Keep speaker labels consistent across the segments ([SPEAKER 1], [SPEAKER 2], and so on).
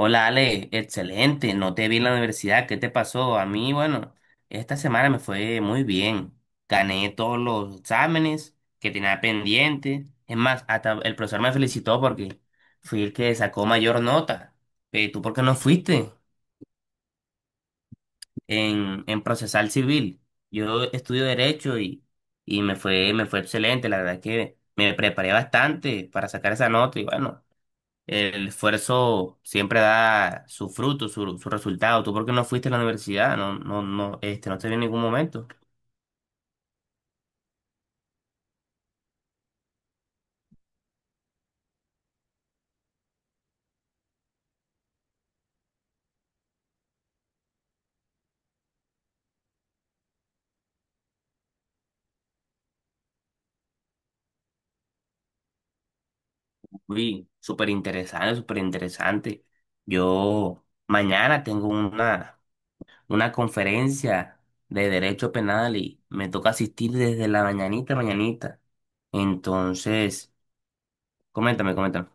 [SPEAKER 1] Hola Ale, excelente, no te vi en la universidad, ¿qué te pasó? A mí, bueno, esta semana me fue muy bien, gané todos los exámenes que tenía pendientes. Es más, hasta el profesor me felicitó porque fui el que sacó mayor nota. ¿Tú por qué no fuiste en procesal civil? Yo estudio derecho y me fue excelente, la verdad es que me preparé bastante para sacar esa nota y bueno. El esfuerzo siempre da su fruto, su resultado. ¿Tú por qué no fuiste a la universidad? No, no, no, no te vi en ningún momento. Fui súper interesante, súper interesante. Yo mañana tengo una conferencia de derecho penal y me toca asistir desde la mañanita, mañanita. Entonces, coméntame, coméntame.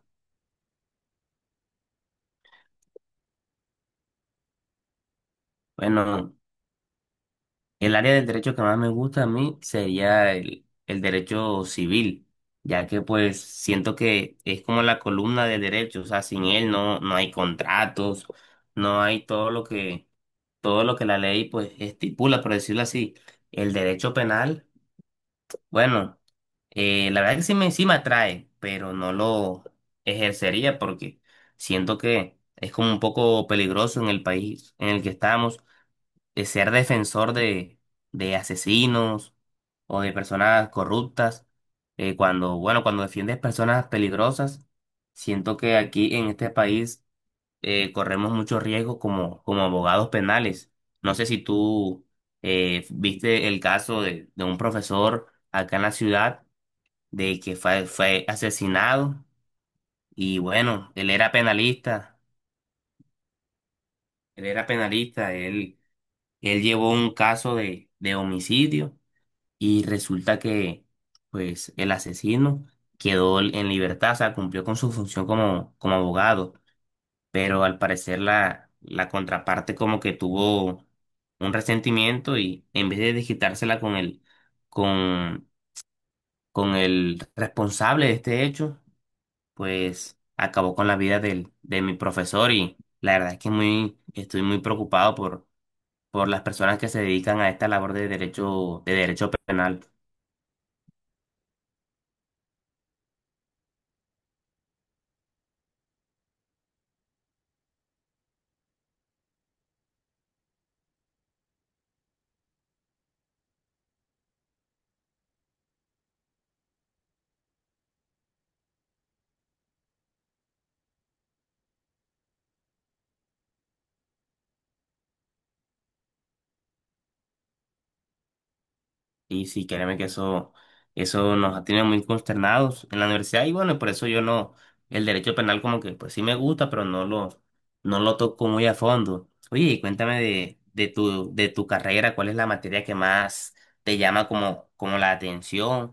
[SPEAKER 1] Bueno, el área del derecho que más me gusta a mí sería el derecho civil, ya que pues siento que es como la columna del derecho, o sea, sin él no, no hay contratos, no hay todo lo que la ley pues estipula, por decirlo así. El derecho penal, bueno, la verdad que sí me atrae, pero no lo ejercería porque siento que es como un poco peligroso en el país en el que estamos, ser defensor de asesinos o de personas corruptas. Bueno, cuando defiendes personas peligrosas, siento que aquí en este país corremos muchos riesgos como, como abogados penales. No sé si tú viste el caso de un profesor acá en la ciudad de que fue, fue asesinado y bueno, él era penalista, él era penalista, él llevó un caso de homicidio. Y resulta que, pues, el asesino quedó en libertad, o sea, cumplió con su función como, como abogado, pero al parecer la contraparte como que tuvo un resentimiento y en vez de desquitársela con, con el responsable de este hecho, pues acabó con la vida del, de mi profesor y la verdad es que muy, estoy muy preocupado por las personas que se dedican a esta labor de derecho penal. Y sí, créeme que eso nos tiene muy consternados en la universidad. Y bueno, y por eso yo no, el derecho penal como que pues sí me gusta, pero no lo, no lo toco muy a fondo. Oye, y cuéntame de tu carrera, ¿cuál es la materia que más te llama como, como la atención?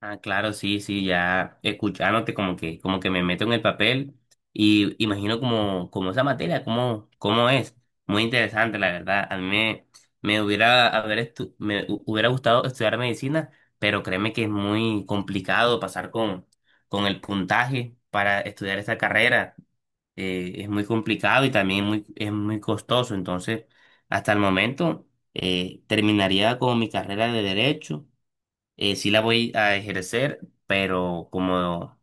[SPEAKER 1] Ah, claro, sí, sí, ya escuchándote como que me meto en el papel y imagino como, como esa materia, cómo, cómo es. Muy interesante, la verdad. A mí me, me hubiera, haber estu- me hu- hubiera gustado estudiar medicina, pero créeme que es muy complicado pasar con el puntaje para estudiar esta carrera. Es muy complicado y también muy, es muy costoso. Entonces, hasta el momento, terminaría con mi carrera de derecho, sí la voy a ejercer, pero como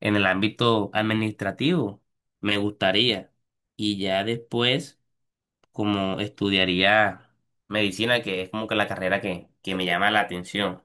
[SPEAKER 1] en el ámbito administrativo, me gustaría. Y ya después, como estudiaría medicina, que es como que la carrera que me llama la atención.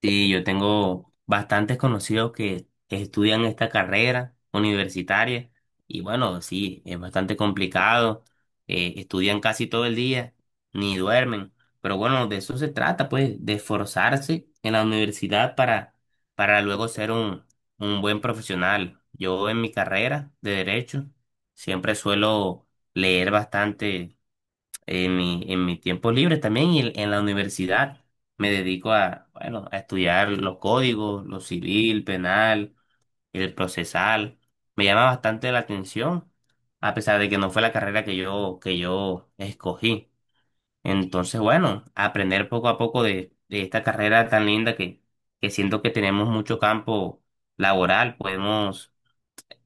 [SPEAKER 1] Sí, yo tengo bastantes conocidos que estudian esta carrera universitaria y bueno, sí, es bastante complicado, estudian casi todo el día, ni duermen, pero bueno, de eso se trata, pues, de esforzarse en la universidad para luego ser un buen profesional. Yo en mi carrera de derecho siempre suelo leer bastante en mi tiempo libre también y en la universidad me dedico a, bueno, a estudiar los códigos, lo civil, penal, el procesal. Me llama bastante la atención, a pesar de que no fue la carrera que yo escogí. Entonces, bueno, aprender poco a poco de esta carrera tan linda que siento que tenemos mucho campo laboral, podemos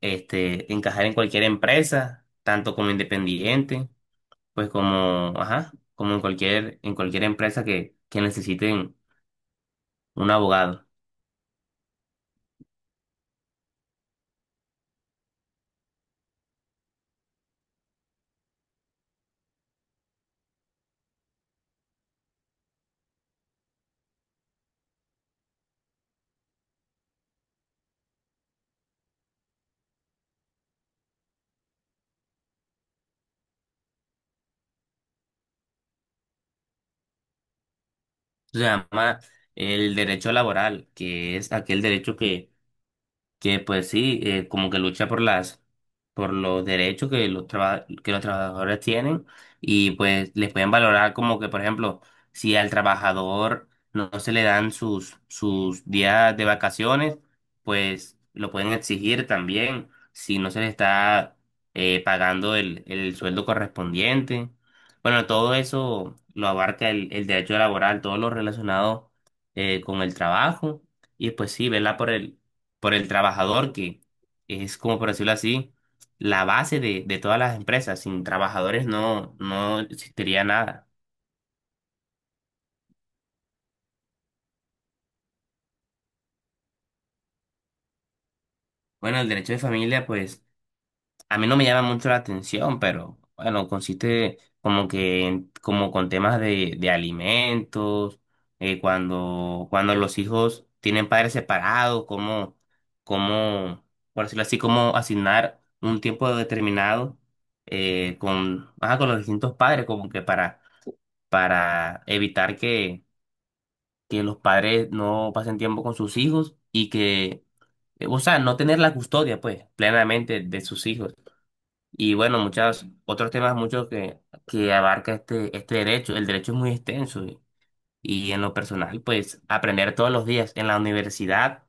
[SPEAKER 1] este, encajar en cualquier empresa, tanto como independiente pues como, ajá, como en cualquier empresa que necesiten un abogado. Se llama el derecho laboral, que es aquel derecho que pues sí, como que lucha por las, por los derechos que los traba- que los trabajadores tienen y pues les pueden valorar como que, por ejemplo, si al trabajador no, no se le dan sus, sus días de vacaciones, pues lo pueden exigir también si no se le está pagando el sueldo correspondiente. Bueno, todo eso lo abarca el derecho laboral, todo lo relacionado con el trabajo. Y pues sí, ¿verdad? Por el trabajador, que es como por decirlo así, la base de todas las empresas. Sin trabajadores no, no existiría nada. Bueno, el derecho de familia, pues a mí no me llama mucho la atención, pero bueno, consiste como que en- como con temas de alimentos, cuando, cuando los hijos tienen padres separados, como, como, por decirlo así, como asignar un tiempo determinado con, ajá, con los distintos padres, como que para evitar que los padres no pasen tiempo con sus hijos y que, o sea, no tener la custodia, pues, plenamente de sus hijos. Y bueno, muchos otros temas, muchos que abarca este, este derecho. El derecho es muy extenso. Y en lo personal, pues aprender todos los días. En la universidad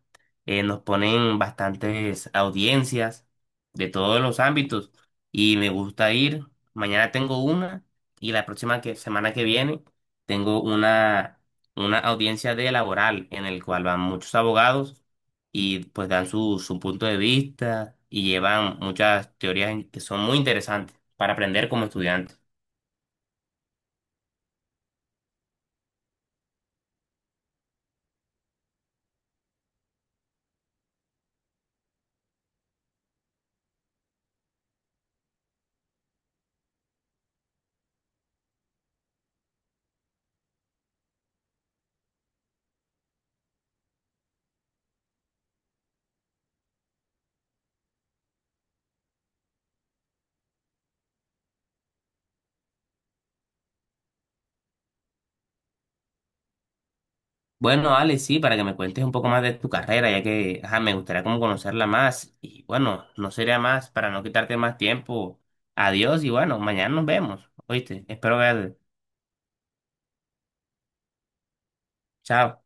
[SPEAKER 1] nos ponen bastantes audiencias de todos los ámbitos y me gusta ir. Mañana tengo una y la próxima que- semana que viene tengo una audiencia de laboral en el cual van muchos abogados y pues dan su, su punto de vista y llevan muchas teorías en- que son muy interesantes para aprender como estudiante. Bueno, Ale, sí, para que me cuentes un poco más de tu carrera, ya que ajá, me gustaría como conocerla más. Y bueno, no sería más para no quitarte más tiempo. Adiós y bueno, mañana nos vemos. ¿Oíste? Espero verte. Chao.